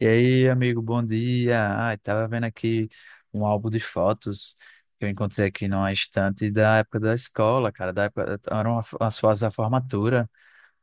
E aí, amigo, bom dia. Tava vendo aqui um álbum de fotos que eu encontrei aqui numa estante da época da escola, cara, da época, eram as fotos da formatura.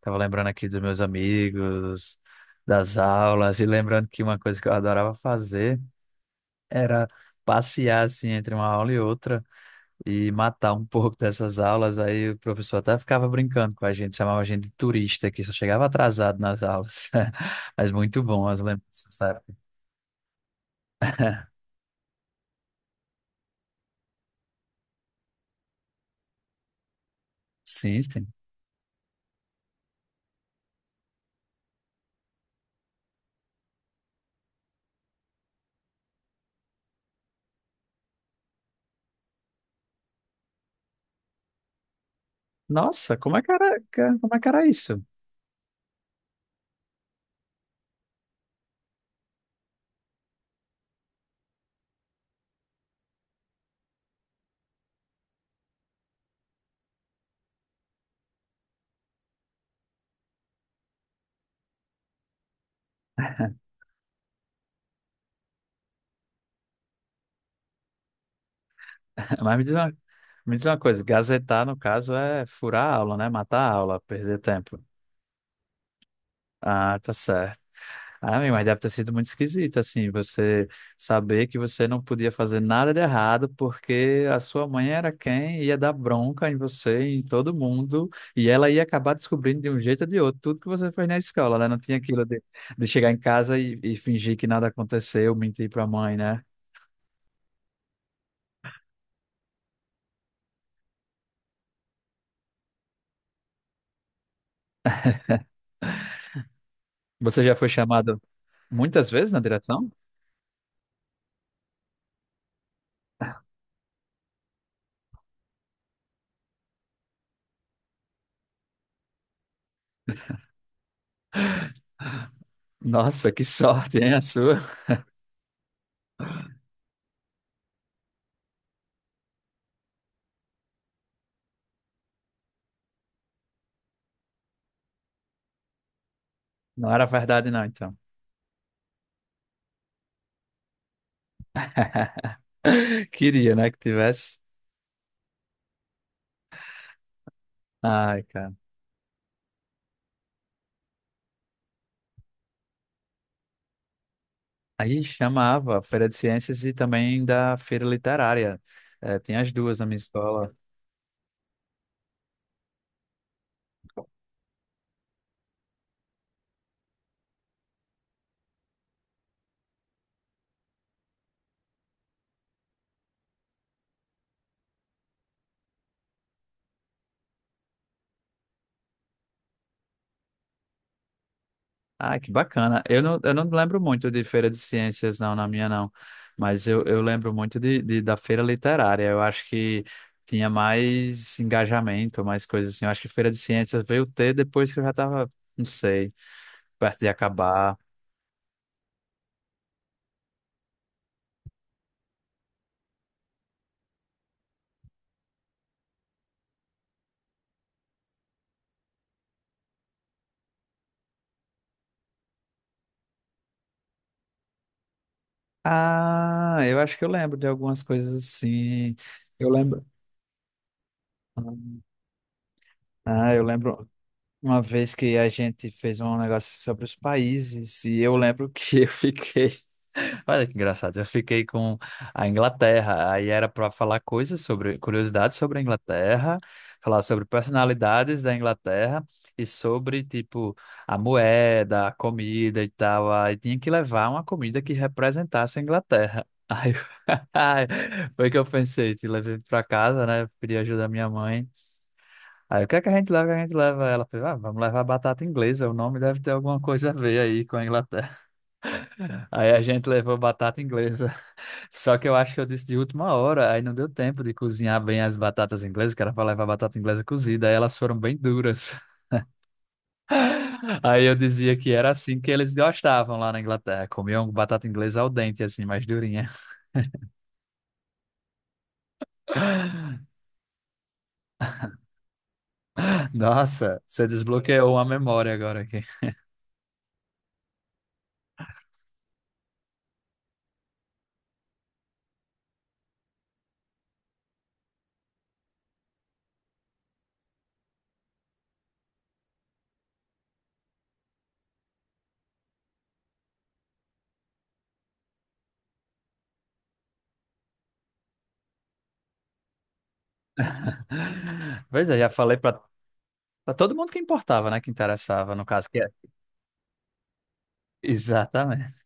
Tava lembrando aqui dos meus amigos, das aulas e lembrando que uma coisa que eu adorava fazer era passear assim entre uma aula e outra e matar um pouco dessas aulas. Aí o professor até ficava brincando com a gente, chamava a gente de turista, que só chegava atrasado nas aulas. Mas muito bom as lembranças dessa época. Sim, sim. Nossa, como é que era, como é que era isso? Mas me diz uma coisa, gazetar, no caso, é furar a aula, né? Matar a aula, perder tempo. Ah, tá certo. Ah, meu, mas deve ter sido muito esquisito, assim, você saber que você não podia fazer nada de errado porque a sua mãe era quem ia dar bronca em você, em todo mundo, e ela ia acabar descobrindo de um jeito ou de outro tudo que você fez na escola, né? Não tinha aquilo de chegar em casa e fingir que nada aconteceu, mentir pra mãe, né? Você já foi chamado muitas vezes na direção? Nossa, que sorte, hein, a sua? Não era verdade, não, então. Queria, né, que tivesse. Ai, cara. Aí chamava Feira de Ciências e também da Feira Literária. Tinha as duas na minha escola. Ah, que bacana. Eu não lembro muito de feira de ciências, não, na minha não. Mas eu lembro muito de, da feira literária. Eu acho que tinha mais engajamento, mais coisas assim. Eu acho que feira de ciências veio ter depois que eu já estava, não sei, perto de acabar. Ah, eu acho que eu lembro de algumas coisas assim. Eu lembro. Ah, eu lembro. Uma vez que a gente fez um negócio sobre os países, e eu lembro que eu fiquei. Olha que engraçado, eu fiquei com a Inglaterra, aí era para falar coisas sobre, curiosidades sobre a Inglaterra, falar sobre personalidades da Inglaterra e sobre, tipo, a moeda, a comida e tal. Aí tinha que levar uma comida que representasse a Inglaterra. Aí foi que eu pensei, te levei para casa, né? Pedi ajuda à minha mãe. Aí o que é que a gente leva? A gente leva ela. Falei, ah, vamos levar batata inglesa. O nome deve ter alguma coisa a ver aí com a Inglaterra. Aí a gente levou batata inglesa. Só que eu acho que eu disse de última hora. Aí não deu tempo de cozinhar bem as batatas inglesas, que era para levar batata inglesa cozida. Aí elas foram bem duras. Aí eu dizia que era assim que eles gostavam lá na Inglaterra. Comiam batata inglesa ao dente, assim, mais durinha. Nossa, você desbloqueou uma memória agora aqui. Pois é, já falei para todo mundo que importava, né? Que interessava, no caso, que é. Exatamente.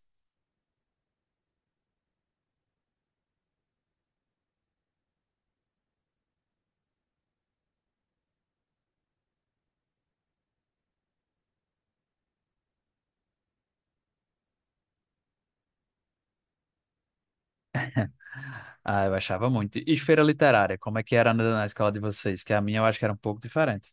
Ah, eu achava muito. E feira literária, como é que era na na escola de vocês? Que a minha eu acho que era um pouco diferente.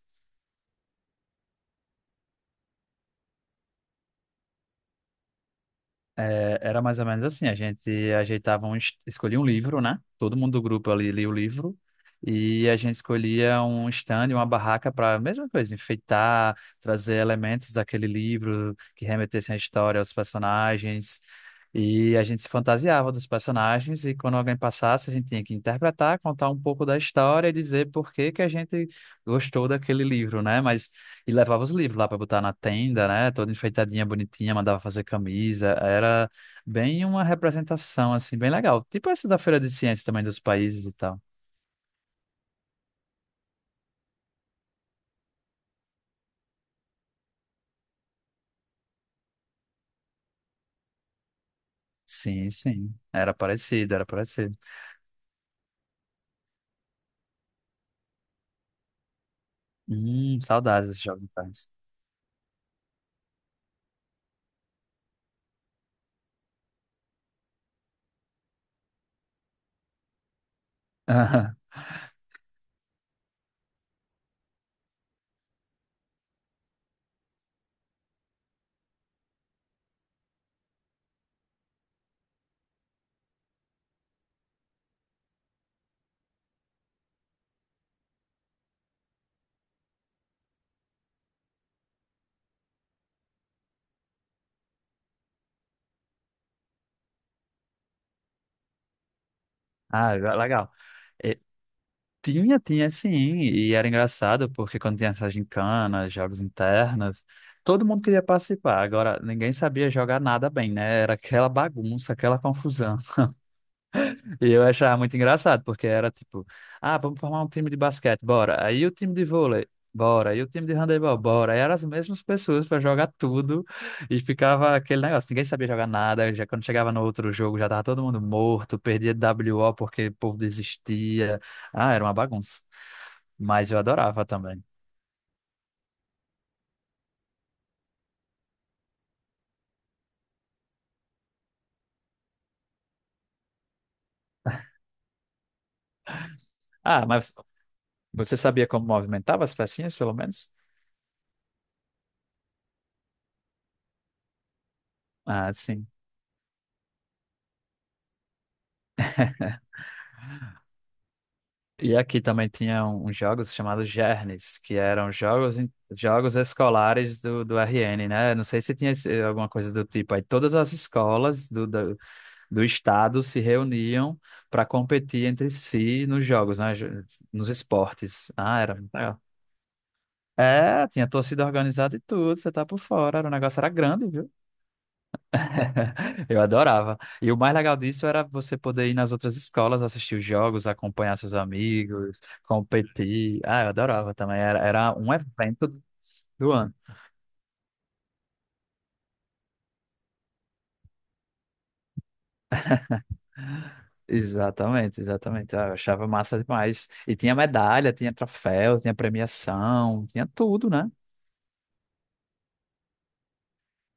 É, era mais ou menos assim, a gente ajeitava um, escolhia um livro, né? Todo mundo do grupo ali lia o livro e a gente escolhia um stand, uma barraca para a mesma coisa, enfeitar, trazer elementos daquele livro que remetessem à história, aos personagens. E a gente se fantasiava dos personagens e quando alguém passasse, a gente tinha que interpretar, contar um pouco da história e dizer por que que a gente gostou daquele livro, né? Mas e levava os livros lá para botar na tenda, né? Toda enfeitadinha, bonitinha, mandava fazer camisa. Era bem uma representação, assim, bem legal. Tipo essa da Feira de Ciências também dos países e tal. Sim, sim. Era parecido, era parecido. Saudades desses jogos internos. Ah, legal. E tinha, tinha sim. E era engraçado porque quando tinha essas gincanas, jogos internos, todo mundo queria participar. Agora, ninguém sabia jogar nada bem, né? Era aquela bagunça, aquela confusão. E eu achava muito engraçado, porque era tipo, ah, vamos formar um time de basquete, bora. Aí o time de vôlei, bora. Aí o time de handebol, bora. Aí eram as mesmas pessoas para jogar tudo e ficava aquele negócio, ninguém sabia jogar nada. Já quando chegava no outro jogo, já tava todo mundo morto, perdia WO porque o povo desistia. Ah, era uma bagunça. Mas eu adorava também. Ah, mas você sabia como movimentava as pecinhas, pelo menos? Ah, sim. E aqui também tinha uns jogos chamados Gernes, que eram jogos, jogos escolares do, do RN, né? Não sei se tinha alguma coisa do tipo. Aí todas as escolas do, do estado se reuniam para competir entre si nos jogos, né? Jo- nos esportes. Ah, era muito legal. É, tinha torcida organizada e tudo, você tá por fora. Era, o negócio era grande, viu? Eu adorava. E o mais legal disso era você poder ir nas outras escolas, assistir os jogos, acompanhar seus amigos, competir. Ah, eu adorava também. Era um evento do ano. Exatamente, exatamente. Ah, eu achava massa demais. E tinha medalha, tinha troféu, tinha premiação, tinha tudo, né?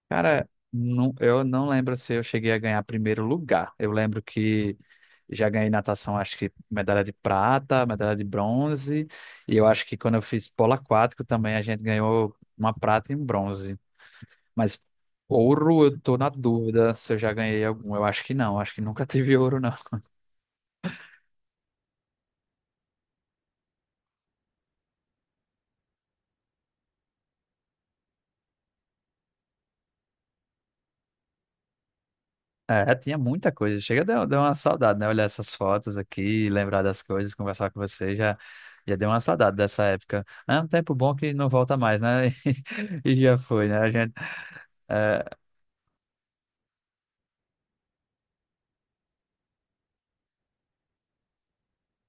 Cara, não, eu não lembro se eu cheguei a ganhar primeiro lugar. Eu lembro que já ganhei natação, acho que medalha de prata, medalha de bronze. E eu acho que quando eu fiz polo aquático também a gente ganhou uma prata e um bronze. Mas ouro eu tô na dúvida se eu já ganhei algum. Eu acho que não, acho que nunca tive ouro, não. É, tinha muita coisa. Chega, deu uma saudade, né? Olhar essas fotos aqui, lembrar das coisas, conversar com você, já, já deu uma saudade dessa época. É um tempo bom que não volta mais, né? E, já foi, né? A gente, é,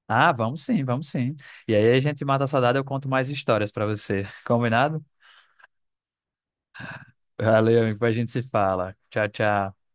ah, vamos sim, vamos sim. E aí a gente mata a saudade, eu conto mais histórias pra você. Combinado? Valeu, amigo, depois a gente se fala. Tchau, tchau.